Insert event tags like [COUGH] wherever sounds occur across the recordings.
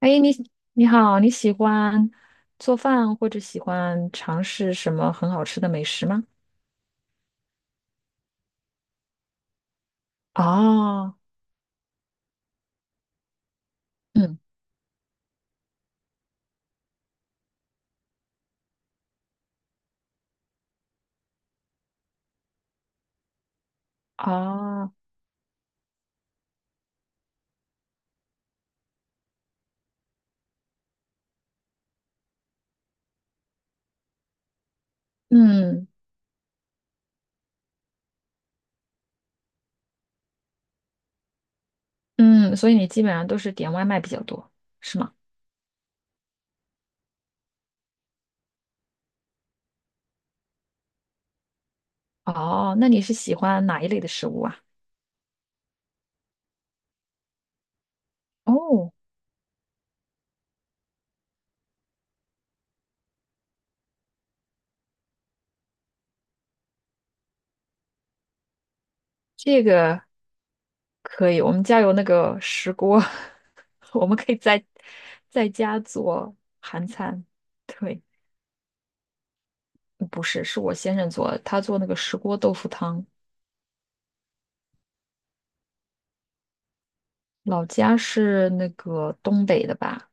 哎，你好你喜欢做饭或者喜欢尝试什么很好吃的美食吗？哦。嗯。哦。嗯嗯，所以你基本上都是点外卖比较多，是吗？哦，那你是喜欢哪一类的食物啊？哦，这个可以，我们家有那个石锅，[LAUGHS] 我们可以在在家做韩餐。对，不是，是我先生做的他做那个石锅豆腐汤。老家是那个东北的吧？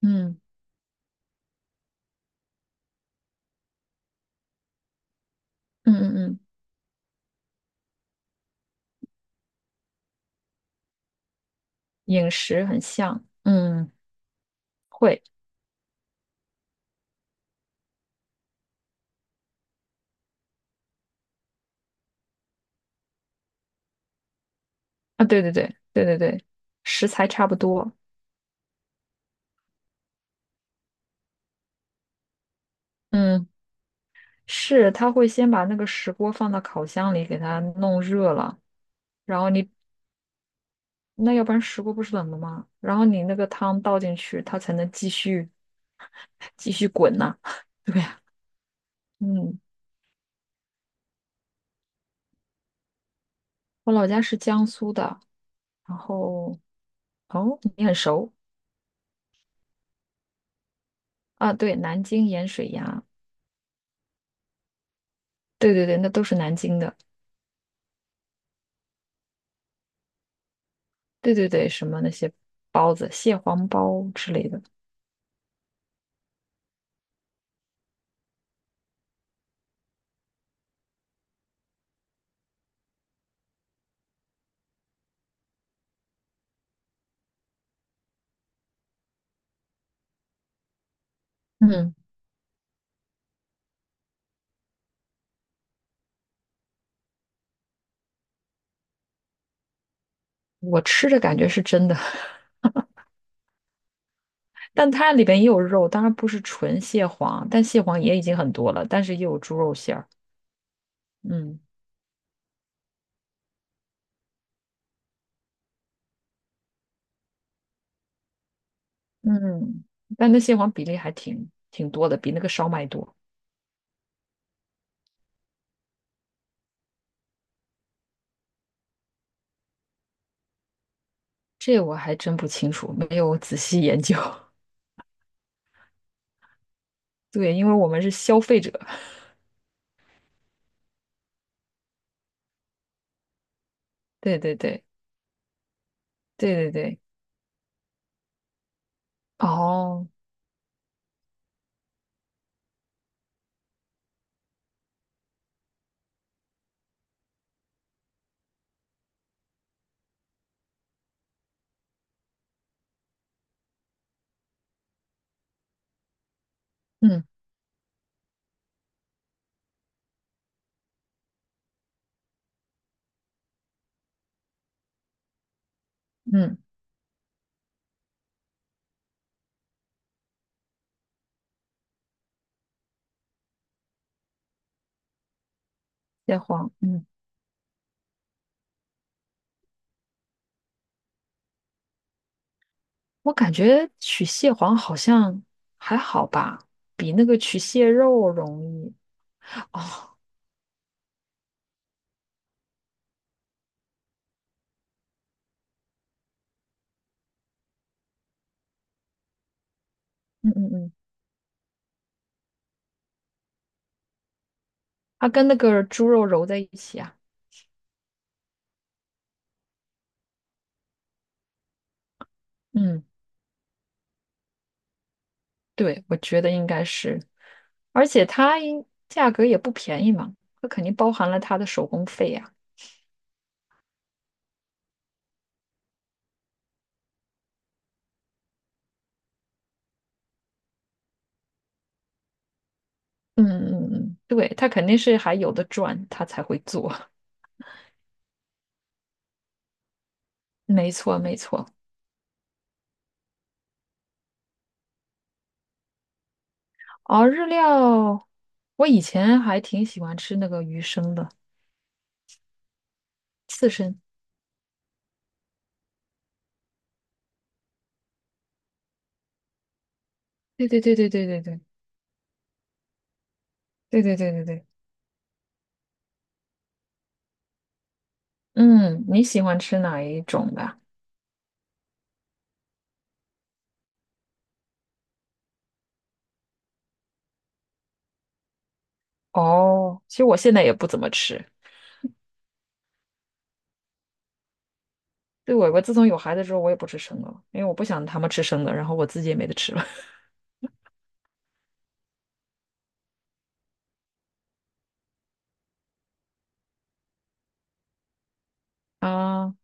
嗯嗯嗯嗯，饮食很像，嗯。会啊，对对对对对对，食材差不多。嗯，是他会先把那个石锅放到烤箱里给它弄热了，然后你那要不然石锅不是冷的吗？然后你那个汤倒进去，它才能继续滚呐、[LAUGHS] 对呀。嗯，我老家是江苏的，然后哦，你很熟啊。对，南京盐水鸭。对对对，那都是南京的。对对对，什么那些包子、蟹黄包之类的。嗯，我吃着感觉是真的，[LAUGHS] 但它里边也有肉，当然不是纯蟹黄，但蟹黄也已经很多了，但是也有猪肉馅儿。嗯嗯，但那蟹黄比例挺多的，比那个烧麦多。这我还真不清楚，没有仔细研究。[LAUGHS] 对，因为我们是消费者。[LAUGHS] 对对对对对对。哦。嗯嗯，蟹黄，嗯。我感觉取蟹黄好像还好吧，比那个取蟹肉容易。哦。嗯嗯嗯，它跟那个猪肉揉在一起啊。嗯，对，我觉得应该是，而且价格也不便宜嘛，它肯定包含了它的手工费呀。嗯嗯嗯，嗯对，它肯定是还有的赚，它才会做。[LAUGHS] 没错没错。哦，日料，我以前还挺喜欢吃那个鱼生的刺身。对对对对对对对对对对对对。嗯，你喜欢吃哪一种的？哦，其实我现在也不怎么吃。对，我自从有孩子之后，我也不吃生的了，因为我不想他们吃生的，然后我自己也没得吃了。[LAUGHS] 啊，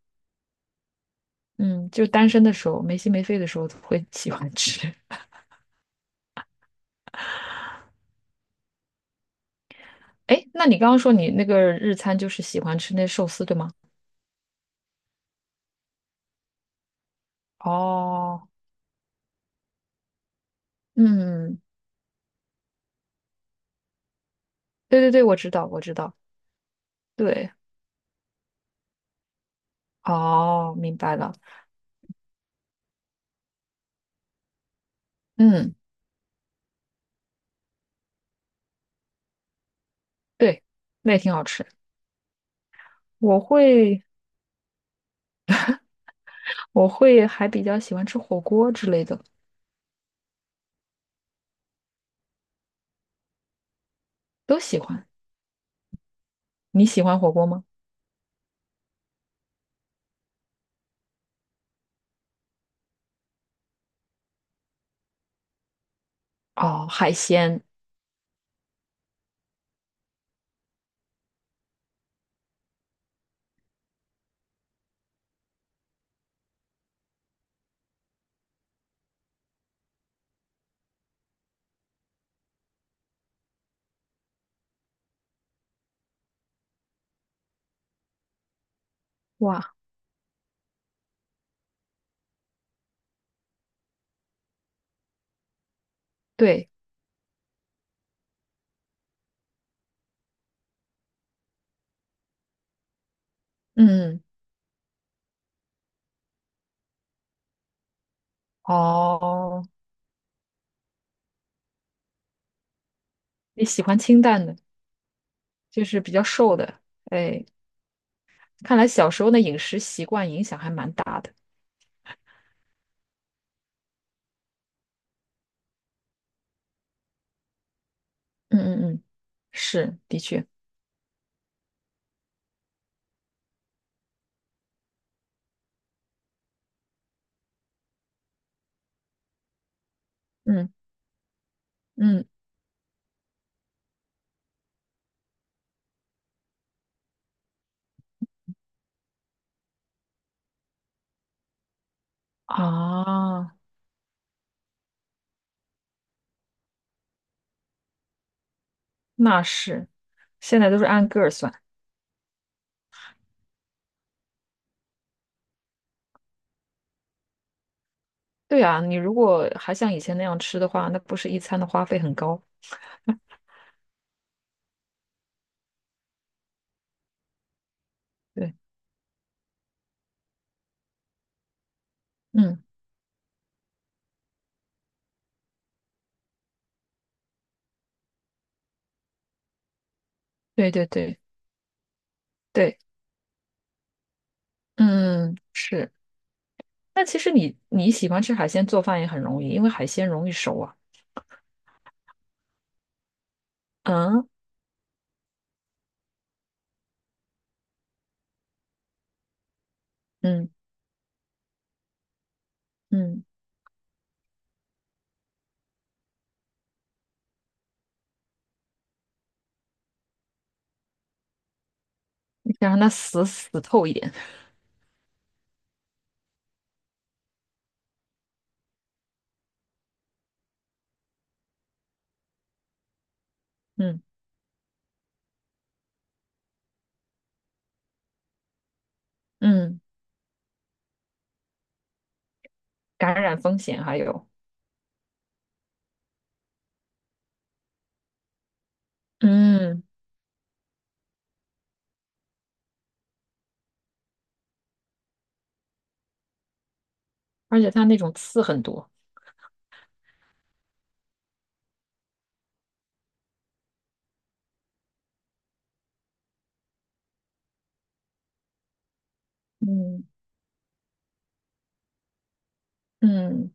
嗯，就单身的时候，没心没肺的时候会喜欢吃。[LAUGHS] 哎，那你刚刚说你那个日餐就是喜欢吃那寿司，对吗？哦。嗯，对对对，我知道，我知道。对。哦，明白了。嗯。对，那也挺好吃。我会，我会还比较喜欢吃火锅之类的。都喜欢。你喜欢火锅吗？哦，海鲜。哇。对。嗯。哦，你喜欢清淡的，就是比较瘦的。哎，看来小时候的饮食习惯影响还蛮大的。嗯嗯嗯，是，的确。嗯嗯。啊，那是，现在都是按个儿算。对啊，你如果还像以前那样吃的话，那不是一餐的花费很高？对。嗯。对对对对。嗯，是。但其实你喜欢吃海鲜，做饭也很容易，因为海鲜容易熟啊。嗯嗯嗯，你想让它死透一点。嗯嗯，感染风险还有。嗯，而且它那种刺很多。嗯嗯，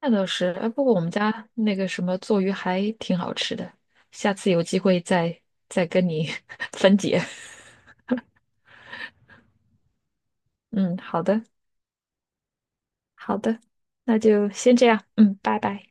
那倒是。哎，不过我们家那个什么做鱼还挺好吃的，下次有机会再跟你 [LAUGHS] 分解。嗯，好的好的，那就先这样。嗯，拜拜。